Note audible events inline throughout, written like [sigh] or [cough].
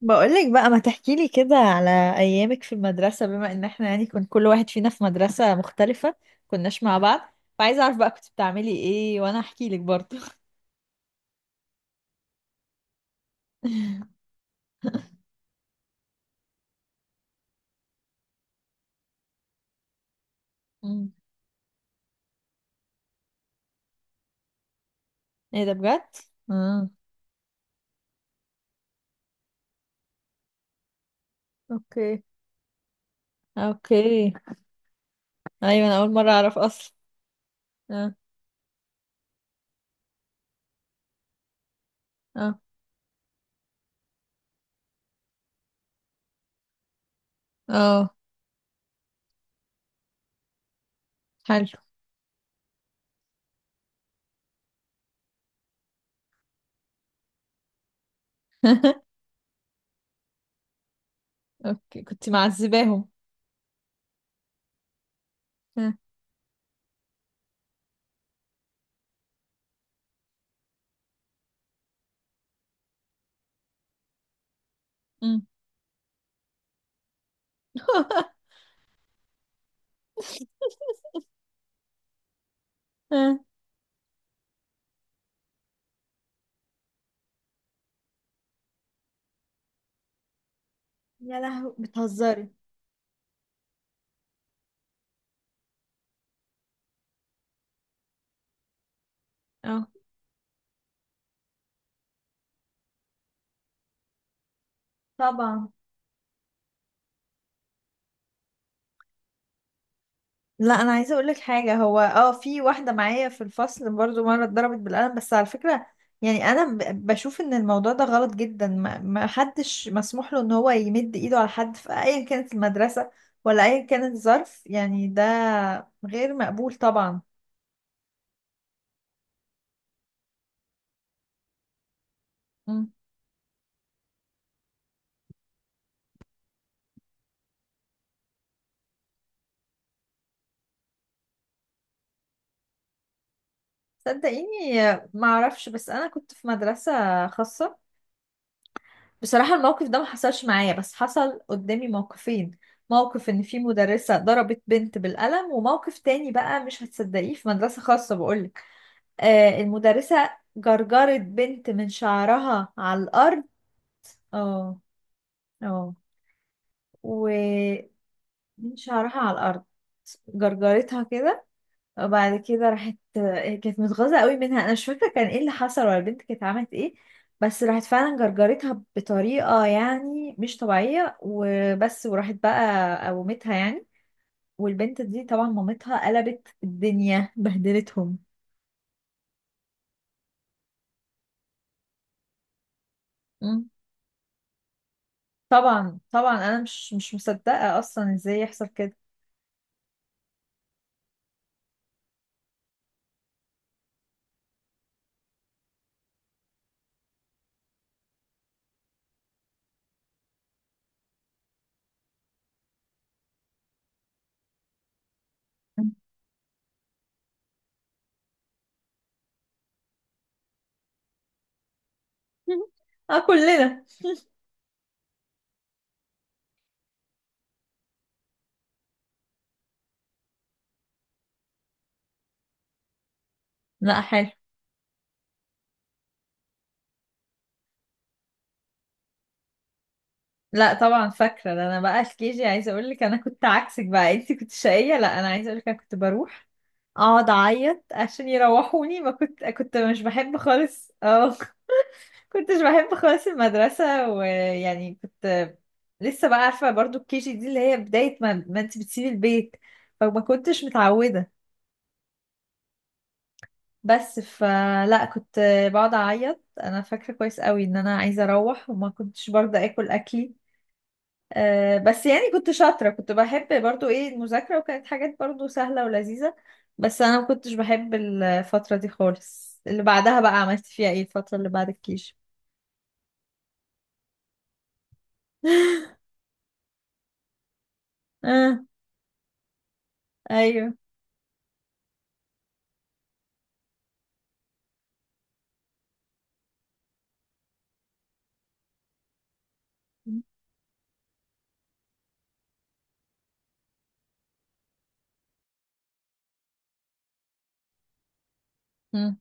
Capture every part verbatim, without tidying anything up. بقولك بقى ما تحكيلي كده على أيامك في المدرسة، بما إن احنا يعني كان كل واحد فينا في مدرسة مختلفة كناش مع بعض، فعايزة أعرف بقى كنت بتعملي إيه وأنا أحكيلك برضه. [laughs] مم. إيه ده بجد؟ آه. أوكي أوكي. أيوة أنا أول مرة أعرف أصلا. آه. آه. آه. حلو. أوكي كنت معذباهم. آه. مم. [laughs] آه. يا لهوي بتهزري. اه طبعا. لا انا عايزه اقول لك حاجه، هو اه في واحده معايا في الفصل برضو مره اتضربت بالقلم، بس على فكره يعني انا ب- بشوف ان الموضوع ده غلط جدا، ما ما حدش مسموح له ان هو يمد ايده على حد في ايا كانت المدرسه، ولا ايا كان الظرف. يعني ده غير مقبول طبعا. مم. صدقيني ما اعرفش، بس انا كنت في مدرسه خاصه. بصراحة الموقف ده ما حصلش معايا، بس حصل قدامي موقفين: موقف ان في مدرسة ضربت بنت بالقلم، وموقف تاني بقى مش هتصدقيه في مدرسة خاصة بقولك، آه المدرسة جرجرت بنت من شعرها على الأرض. اه اه و، من شعرها على الأرض. جرجرتها كده، وبعد كده راحت آه، كانت متغاظة قوي منها، انا مش فاكرة كان ايه اللي حصل ولا البنت كانت عملت ايه، بس راحت فعلا جرجرتها بطريقة يعني مش طبيعية وبس، وراحت بقى قومتها يعني. والبنت دي طبعا مامتها قلبت الدنيا [laughs] بهدلتهم. مم. طبعا طبعا، انا مش مش مصدقة اصلا ازاي يحصل كده. [laughs] اه كلنا. لا حلو. لا طبعا فاكره، ده انا بقى في كيجي عايزه اقول لك، انا كنت عكسك بقى، انت كنت شقيه، لا انا عايزه اقول لك انا كنت بروح اقعد اعيط عشان يروحوني، ما كنت كنت مش بحب خالص. اه [laughs] كنتش بحب خالص المدرسه، ويعني كنت لسه بقى عارفه برضو الكيجي دي اللي هي بدايه ما, ما انت بتسيبي البيت، فما كنتش متعوده، بس فلا كنت بقعد اعيط. انا فاكره كويس قوي ان انا عايزه اروح، وما كنتش برضه اكل اكلي. آه، بس يعني كنت شاطرة، كنت بحب برضو ايه المذاكرة، وكانت حاجات برضو سهلة ولذيذة. بس انا ما كنتش بحب الفترة دي خالص. اللي بعدها بقى عملت فيها ايه الفترة اللي بعد الكيش؟ [laughs] اه. ايوه. مم.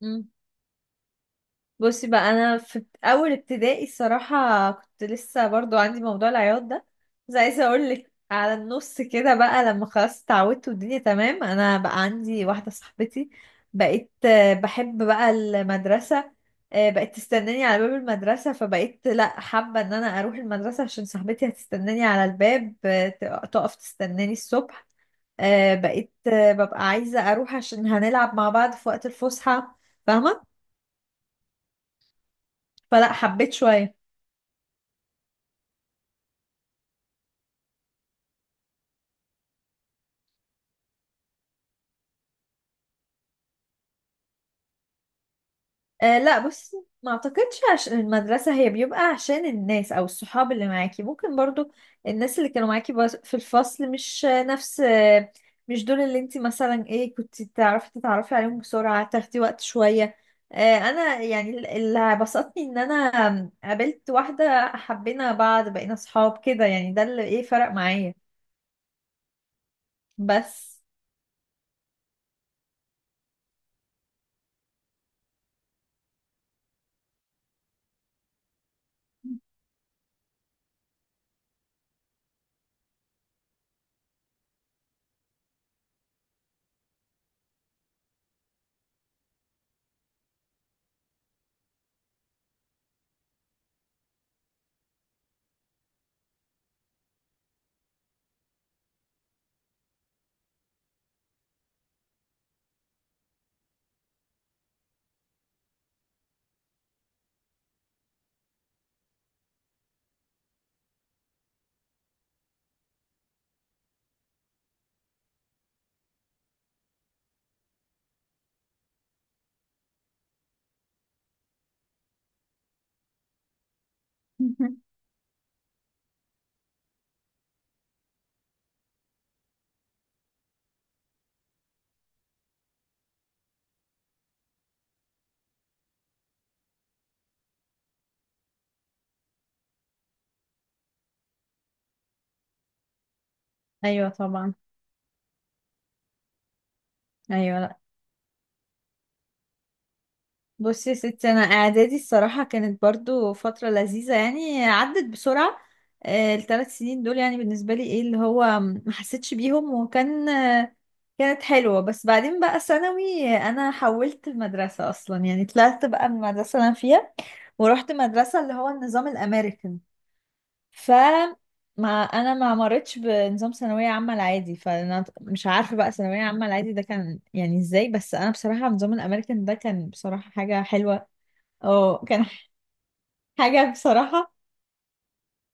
مم. بصي بقى انا في اول ابتدائي الصراحه كنت لسه برضو عندي موضوع العياط ده، بس عايزه اقول لك على النص كده بقى، لما خلاص اتعودت والدنيا تمام، انا بقى عندي واحده صاحبتي، بقيت آه، بحب بقى المدرسه. آه، بقت تستناني على باب المدرسه، فبقيت لا حابه ان انا اروح المدرسه عشان صاحبتي هتستناني على الباب. آه، تق- تقف تستناني الصبح. آه، بقيت آه، ببقى عايزه اروح عشان هنلعب مع بعض في وقت الفسحه. فاهمه. فلا حبيت شويه. آه لا بص، ما اعتقدش عشان المدرسة هي، بيبقى عشان الناس او الصحاب اللي معاكي، ممكن برضو الناس اللي كانوا معاكي بس- في الفصل مش آه، نفس آه، مش دول اللي انت مثلا ايه كنت تعرفي تتعرفي عليهم بسرعة، تاخدي وقت شوية. آه انا يعني ال- اللي بسطني ان انا قابلت واحدة حبينا بعض بقينا صحاب كده، يعني ده اللي ايه فرق معايا بس. [laughs] ايوه طبعا. ايوه بصي يا ستي، انا اعدادي الصراحه كانت برضو فتره لذيذه، يعني عدت بسرعه. آه، الثلاث سنين دول يعني بالنسبه لي ايه اللي هو ما حسيتش بيهم، وكان آه، كانت حلوه. بس بعدين بقى ثانوي آه، انا حولت المدرسه اصلا، يعني طلعت بقى من المدرسه اللي انا فيها ورحت مدرسه اللي هو النظام الامريكان، ف، ما انا ما مرتش بنظام ثانويه عامه العادي، فانا مش عارفه بقى ثانويه عامه العادي ده كان يعني ازاي، بس انا بصراحه نظام الامريكان ده كان بصراحه حاجه حلوه. اه كان حاجة بصراحة.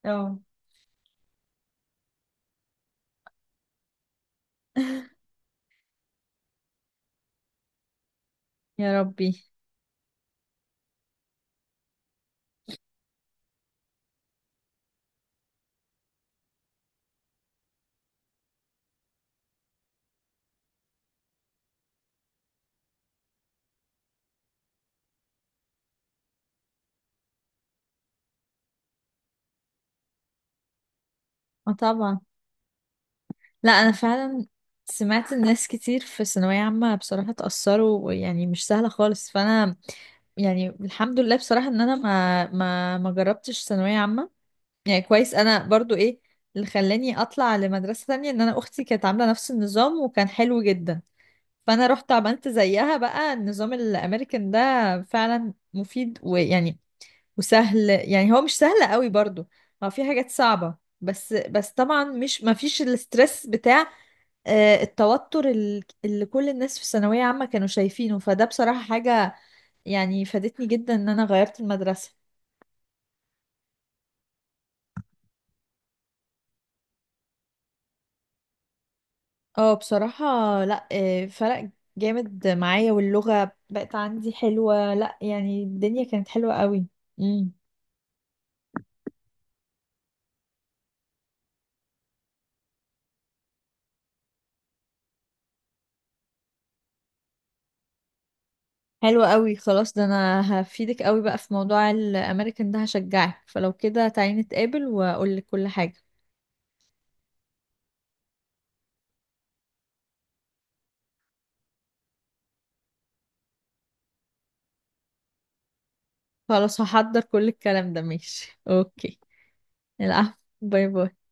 اه. يا ربي. اه طبعا. لا انا فعلا سمعت الناس كتير في ثانوية عامة بصراحة اتأثروا، يعني مش سهلة خالص، فانا يعني الحمد لله بصراحة ان انا ما ما ما جربتش ثانوية عامة. يعني كويس. انا برضو ايه اللي خلاني اطلع لمدرسة تانية، ان انا اختي كانت عاملة نفس النظام وكان حلو جدا، فانا رحت عملت زيها بقى النظام الامريكان ده. فعلا مفيد، ويعني وسهل. يعني هو مش سهل قوي برضو، هو في حاجات صعبة، بس بس طبعا مش ما فيش الاسترس بتاع آه، التوتر ال- اللي كل الناس في ثانوية عامة كانوا شايفينه، فده بصراحة حاجة يعني فادتني جدا ان انا غيرت المدرسة. اه بصراحة. لا آه، فرق جامد معايا، واللغة بقت عندي حلوة، لا يعني الدنيا كانت حلوة قوي. مم. حلو قوي. خلاص ده انا هفيدك قوي بقى في موضوع الامريكان ده، هشجعك، فلو كده تعالي نتقابل واقول لك كل حاجة. خلاص هحضر كل الكلام ده، ماشي اوكي. العفو. باي باي.